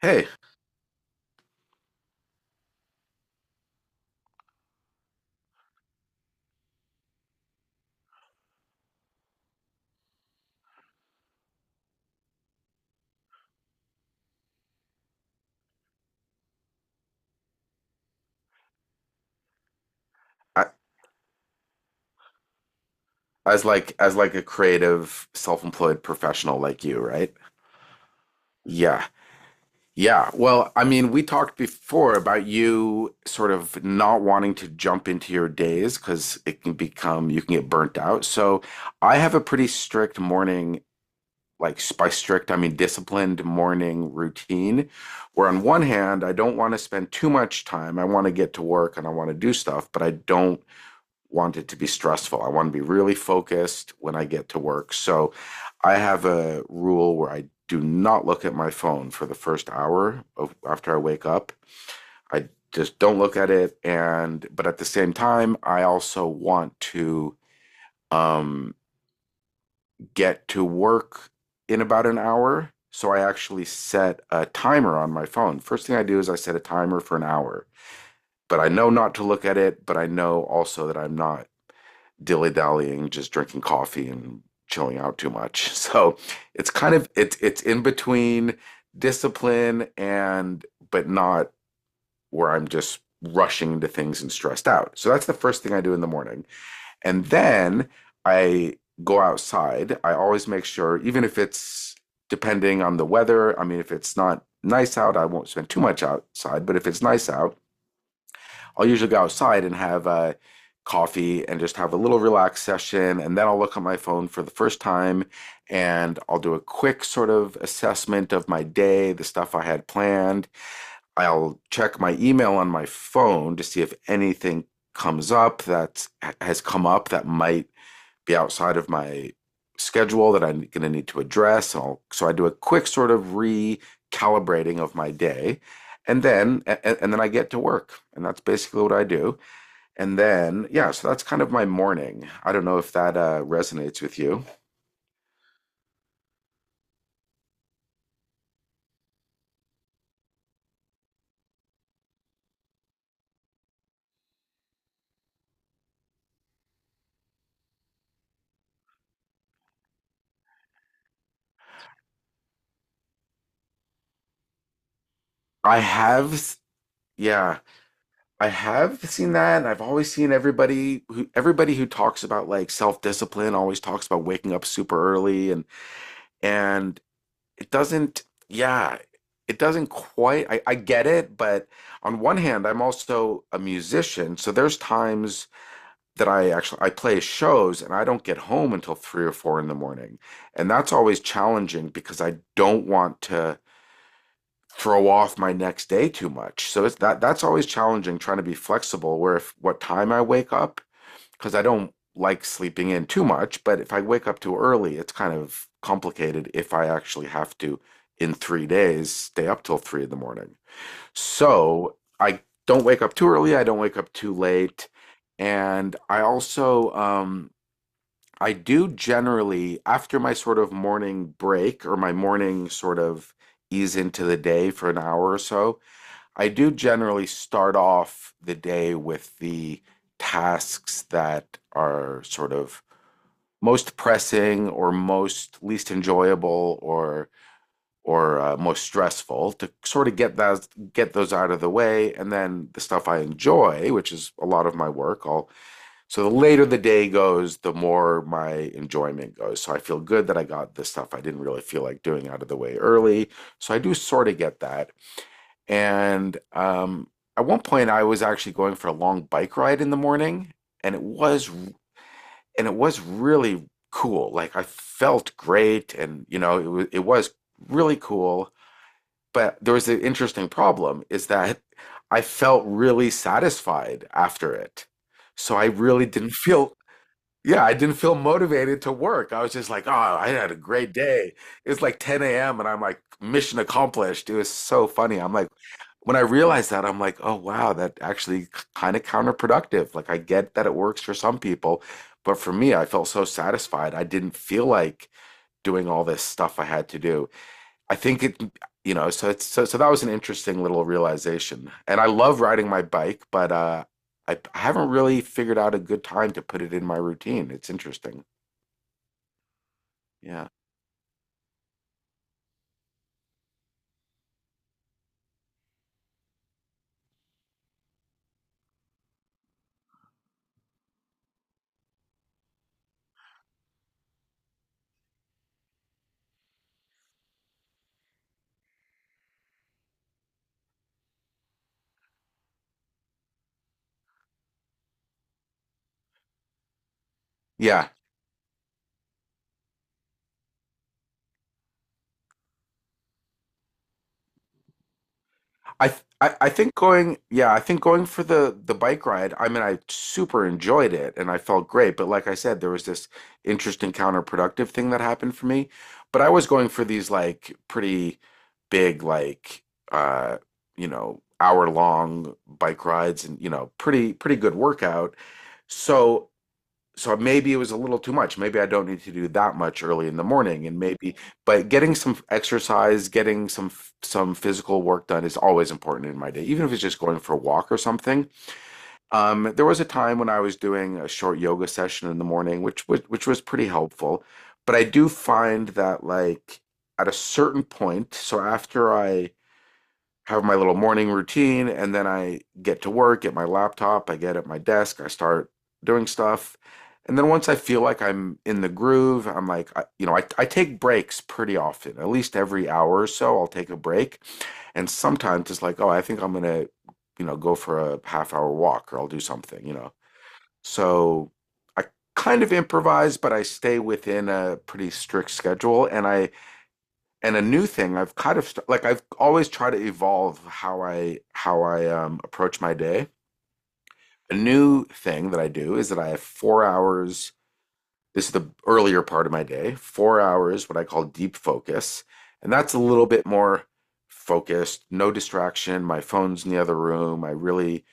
Hey, I, as like a creative, self-employed professional like you, right? Yeah. Yeah. Well, I mean, we talked before about you sort of not wanting to jump into your days because it can become, you can get burnt out. So I have a pretty strict morning, like by strict, I mean disciplined morning routine, where on one hand, I don't want to spend too much time. I want to get to work and I want to do stuff, but I don't want it to be stressful. I want to be really focused when I get to work. So I have a rule where I do not look at my phone for the first hour of after I wake up. I just don't look at it, and but at the same time I also want to um get to work in about an hour. So I actually set a timer on my phone. First thing I do is I set a timer for an hour. But I know not to look at it, but I know also that I'm not dilly dallying, just drinking coffee and chilling out too much. So it's kind of it's in between discipline and but not where I'm just rushing into things and stressed out. So that's the first thing I do in the morning. And then I go outside. I always make sure, even if it's depending on the weather, I mean if it's not nice out, I won't spend too much outside, but if it's nice out, I'll usually go outside and have coffee and just have a little relaxed session. And then I'll look at my phone for the first time and I'll do a quick sort of assessment of my day, the stuff I had planned. I'll check my email on my phone to see if anything comes up that has come up that might be outside of my schedule that I'm going to need to address. And I'll, so I do a quick sort of recalibrating of my day. And then I get to work. And that's basically what I do. And then, yeah, so that's kind of my morning. I don't know if that resonates with you. I have, s- yeah, I have seen that, and I've always seen everybody who talks about like self-discipline always talks about waking up super early, and and it doesn't yeah it doesn't quite, I get it, but on one hand I'm also a musician, so there's times that I actually I play shows and I don't get home until three or four in the morning. And that's always challenging because I don't want to throw off my next day too much. So it's that's always challenging, trying to be flexible where if what time I wake up, because I don't like sleeping in too much, but if I wake up too early, it's kind of complicated if I actually have to, in 3 days, stay up till three in the morning. So I don't wake up too early, I don't wake up too late. And I also, I do generally, after my sort of morning break or my morning sort of ease into the day for an hour or so, I do generally start off the day with the tasks that are sort of most pressing or most least enjoyable or most stressful, to sort of get those out of the way, and then the stuff I enjoy, which is a lot of my work, I'll so the later the day goes, the more my enjoyment goes. So I feel good that I got the stuff I didn't really feel like doing out of the way early. So I do sort of get that. And at one point, I was actually going for a long bike ride in the morning, and it was really cool. Like I felt great, and you know, it was really cool. But there was an interesting problem is that I felt really satisfied after it. So I really didn't feel yeah, I didn't feel motivated to work. I was just like, oh, I had a great day. It's like 10 a.m. and I'm like, mission accomplished. It was so funny. I'm like, when I realized that, I'm like, oh, wow, that actually kind of counterproductive. Like, I get that it works for some people, but for me, I felt so satisfied. I didn't feel like doing all this stuff I had to do. I think it, you know, so it's so that was an interesting little realization. And I love riding my bike, but I haven't really figured out a good time to put it in my routine. It's interesting. Yeah. Yeah. I think going yeah I think going for the bike ride, I mean I super enjoyed it and I felt great, but like I said, there was this interesting counterproductive thing that happened for me. But I was going for these like pretty big, like uh you know, hour long bike rides, and you know, pretty good workout. So so maybe it was a little too much. Maybe I don't need to do that much early in the morning, and maybe, but getting some exercise, getting some physical work done is always important in my day, even if it's just going for a walk or something. There was a time when I was doing a short yoga session in the morning, which was pretty helpful. But I do find that like at a certain point, so after I have my little morning routine, and then I get to work, get my laptop, I get at my desk, I start doing stuff. And then once I feel like I'm in the groove, I'm like, you know, I take breaks pretty often, at least every hour or so, I'll take a break. And sometimes it's like, oh, I think I'm gonna, you know, go for a half hour walk, or I'll do something, you know. So I kind of improvise, but I stay within a pretty strict schedule. And I and a new thing I've kind of st- like I've always tried to evolve how I approach my day. A new thing that I do is that I have 4 hours, this is the earlier part of my day, 4 hours what I call deep focus, and that's a little bit more focused, no distraction, my phone's in the other room. I really,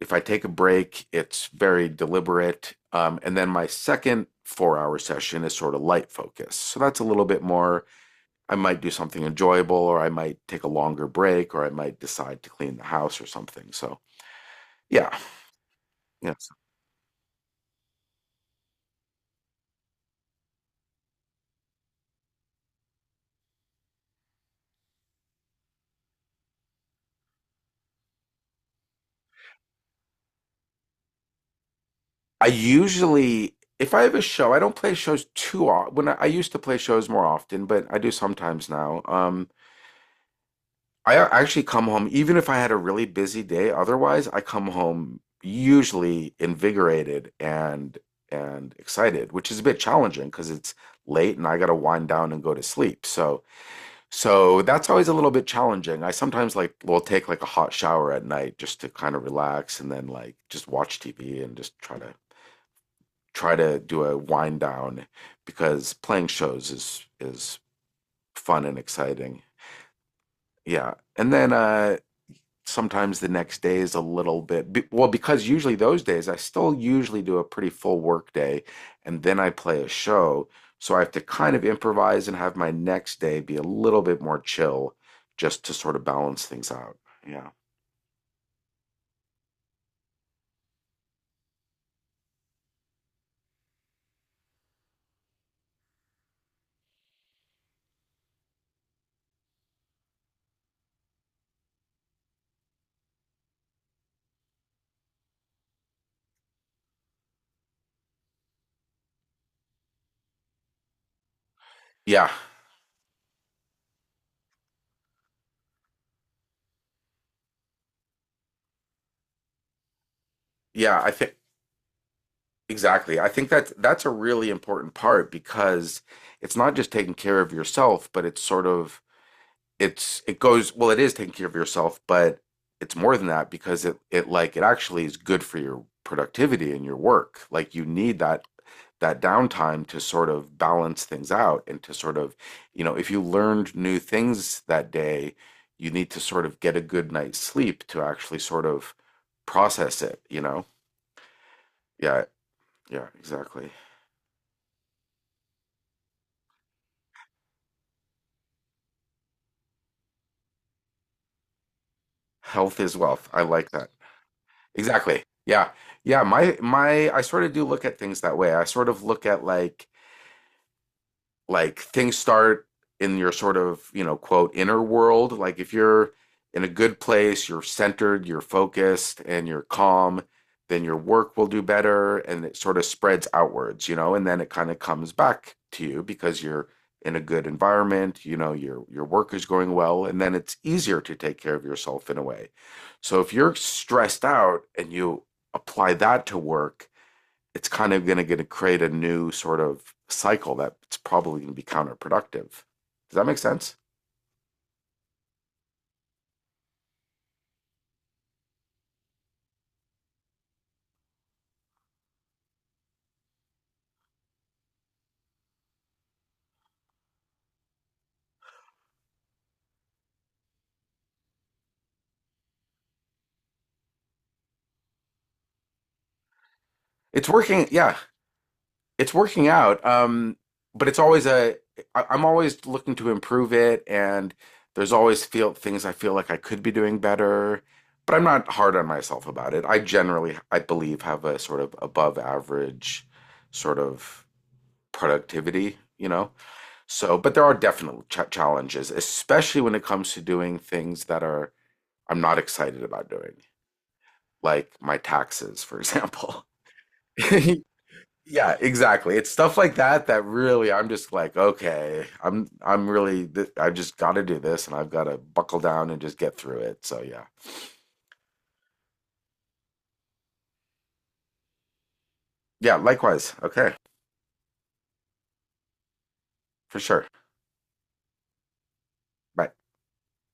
if I take a break, it's very deliberate. And then my second 4 hour session is sort of light focus, so that's a little bit more I might do something enjoyable, or I might take a longer break, or I might decide to clean the house or something. So, yeah, yes. I usually, if I have a show, I don't play shows too often. I used to play shows more often, but I do sometimes now. Actually, come home, even if I had a really busy day. Otherwise, I come home usually invigorated and excited, which is a bit challenging because it's late and I got to wind down and go to sleep. So. So that's always a little bit challenging. I sometimes like will take like a hot shower at night just to kind of relax, and then like just watch TV and just try to do a wind down, because playing shows is fun and exciting. Yeah. And then sometimes the next day is a little bit well, because usually those days I still usually do a pretty full work day and then I play a show, so I have to kind of improvise and have my next day be a little bit more chill, just to sort of balance things out. Yeah. Yeah. yeah I think Exactly, I think that's a really important part, because it's not just taking care of yourself, but it's sort of it goes well, it is taking care of yourself, but it's more than that, because it actually is good for your productivity and your work. Like, you need that downtime to sort of balance things out and to sort of, you know, if you learned new things that day, you need to sort of get a good night's sleep to actually sort of process it, you know. Yeah. yeah exactly Health is wealth, I like that. Exactly. Yeah. Yeah my my i sort of do look at things that way. I sort of look at like things start in your sort of, you know, quote inner world. Like, if you're in a good place, you're centered, you're focused and you're calm, then your work will do better, and it sort of spreads outwards, you know, and then it kind of comes back to you because you're in a good environment, you know, your work is going well, and then it's easier to take care of yourself in a way. So if you're stressed out and you apply that to work, it's kind of going to create a new sort of cycle that's probably going to be counterproductive. Does that make sense? It's working. Yeah, it's working out. But it's always a. I'm always looking to improve it, and there's always feel things I feel like I could be doing better. But I'm not hard on myself about it. I generally, I believe, have a sort of above average sort of productivity. You know, so but there are definite challenges, especially when it comes to doing things that are I'm not excited about doing, like my taxes, for example. Yeah, exactly. It's stuff like that that really I'm just like, okay, I'm really th I just got to do this and I've got to buckle down and just get through it. So yeah. Yeah, likewise. Okay. For sure. Bye.